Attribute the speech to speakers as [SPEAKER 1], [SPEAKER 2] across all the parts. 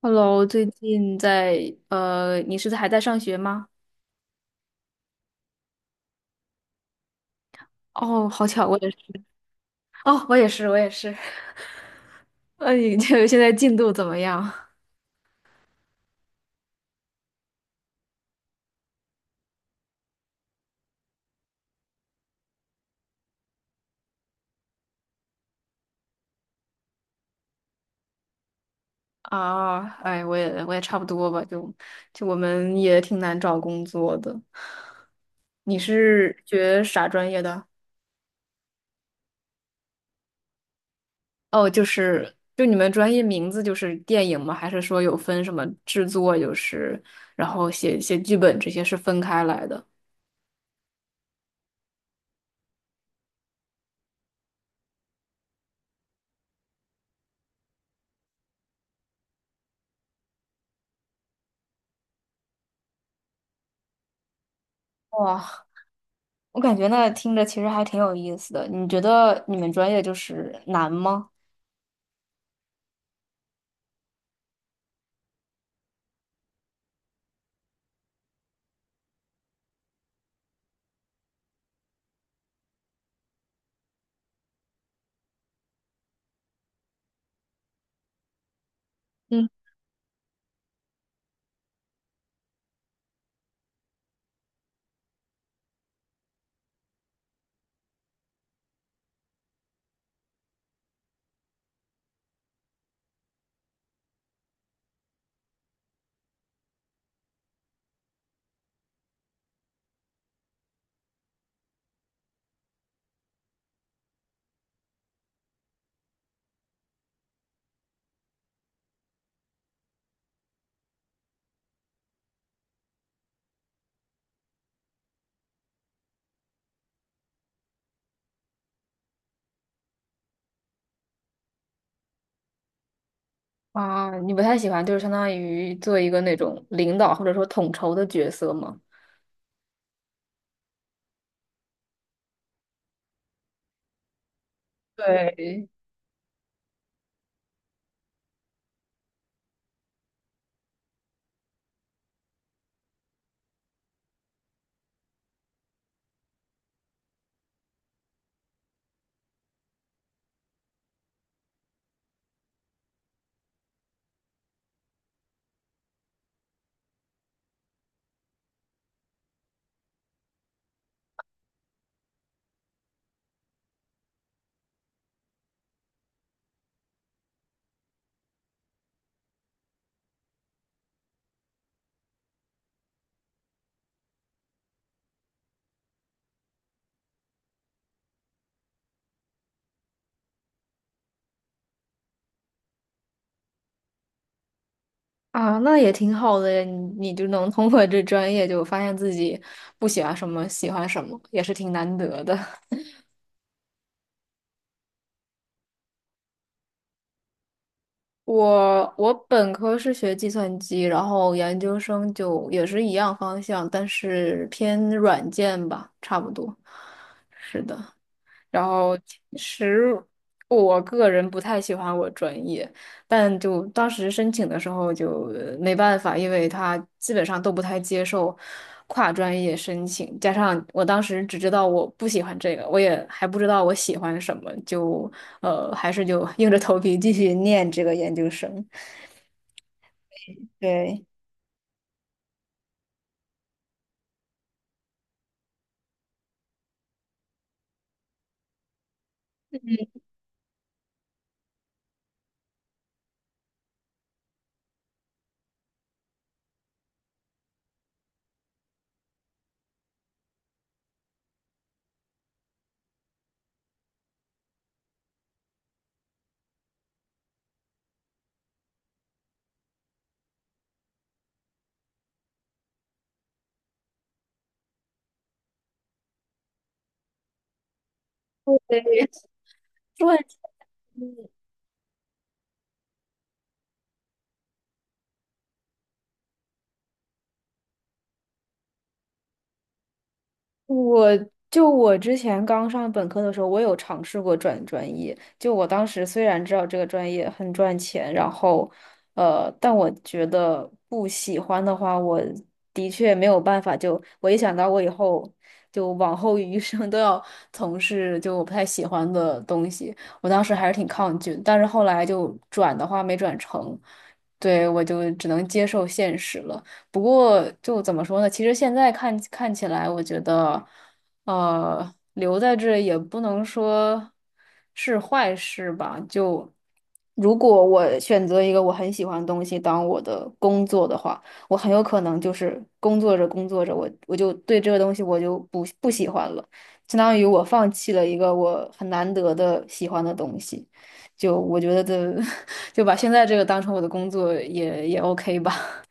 [SPEAKER 1] Hello，最近在你是在还在上学吗？哦，好巧，我也是。哦，我也是，我也是。那你这现在进度怎么样？啊，哎，我也差不多吧，就我们也挺难找工作的。你是学啥专业的？哦，就你们专业名字就是电影吗？还是说有分什么制作，就是然后写写剧本这些是分开来的？哇，我感觉那听着其实还挺有意思的。你觉得你们专业就是难吗？嗯，啊，你不太喜欢，就是相当于做一个那种领导或者说统筹的角色吗？对，啊，那也挺好的呀，你就能通过这专业就发现自己不喜欢什么，喜欢什么，也是挺难得的。我本科是学计算机，然后研究生就也是一样方向，但是偏软件吧，差不多。是的。然后其实我个人不太喜欢我专业，但就当时申请的时候就没办法，因为他基本上都不太接受跨专业申请，加上我当时只知道我不喜欢这个，我也还不知道我喜欢什么，就还是就硬着头皮继续念这个研究生。对，对，对，我我之前刚上本科的时候，我有尝试过转专业。就我当时虽然知道这个专业很赚钱，然后，但我觉得不喜欢的话，我的确没有办法就。我一想到我以后就往后余生都要从事就我不太喜欢的东西，我当时还是挺抗拒。但是后来就转的话没转成，对，我就只能接受现实了。不过就怎么说呢？其实现在看看起来，我觉得，留在这也不能说是坏事吧。就如果我选择一个我很喜欢的东西当我的工作的话，我很有可能就是工作着工作着，我就对这个东西我就不喜欢了，相当于我放弃了一个我很难得的喜欢的东西。就我觉得的，就把现在这个当成我的工作也也 OK 吧。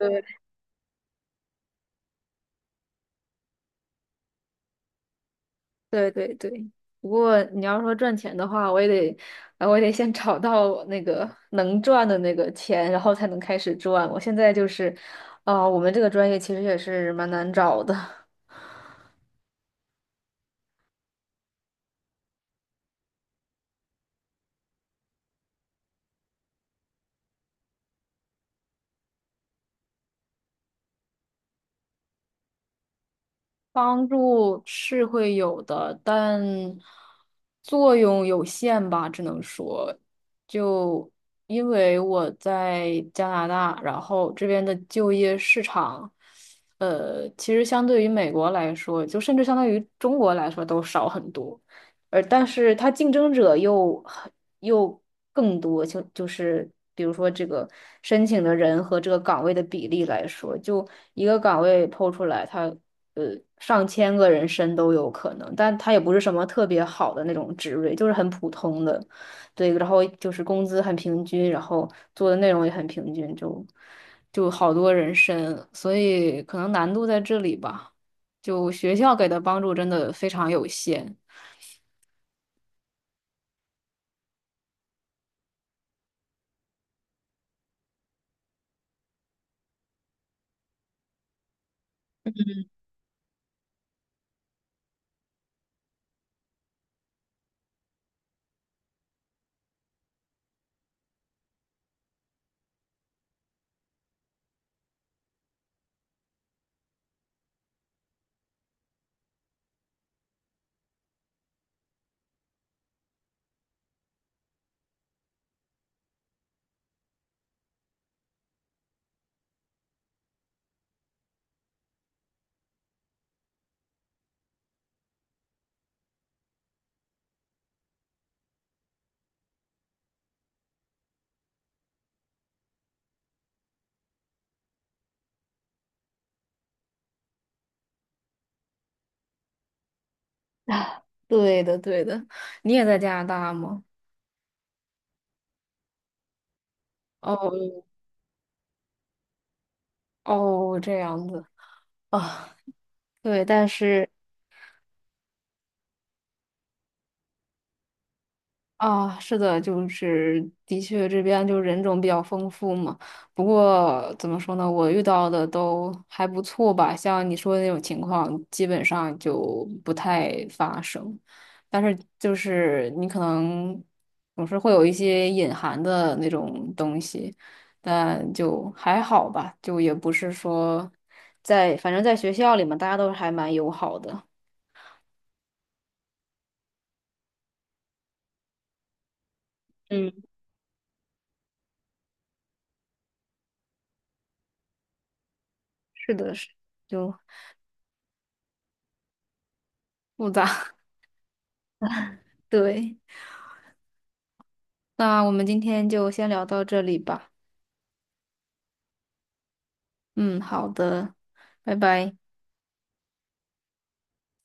[SPEAKER 1] 对对对，不过你要说赚钱的话，我也得，我也得先找到那个能赚的那个钱，然后才能开始赚。我现在就是，啊、我们这个专业其实也是蛮难找的。帮助是会有的，但作用有限吧，只能说，就因为我在加拿大，然后这边的就业市场，其实相对于美国来说，就甚至相当于中国来说都少很多，而但是它竞争者又很又更多，就是比如说这个申请的人和这个岗位的比例来说，就一个岗位抛出来，它。呃上千个人申都有可能，但它也不是什么特别好的那种职位，就是很普通的，对，然后就是工资很平均，然后做的内容也很平均，就好多人申，所以可能难度在这里吧，就学校给的帮助真的非常有限。对的，对的，你也在加拿大吗？哦哦，这样子啊，对，但是。啊，是的，就是的确这边就人种比较丰富嘛。不过怎么说呢，我遇到的都还不错吧。像你说的那种情况，基本上就不太发生。但是就是你可能总是会有一些隐含的那种东西，但就还好吧，就也不是说在，反正在学校里嘛，大家都还蛮友好的。嗯，是的，是就复杂，对。那我们今天就先聊到这里吧。嗯，好的，拜拜。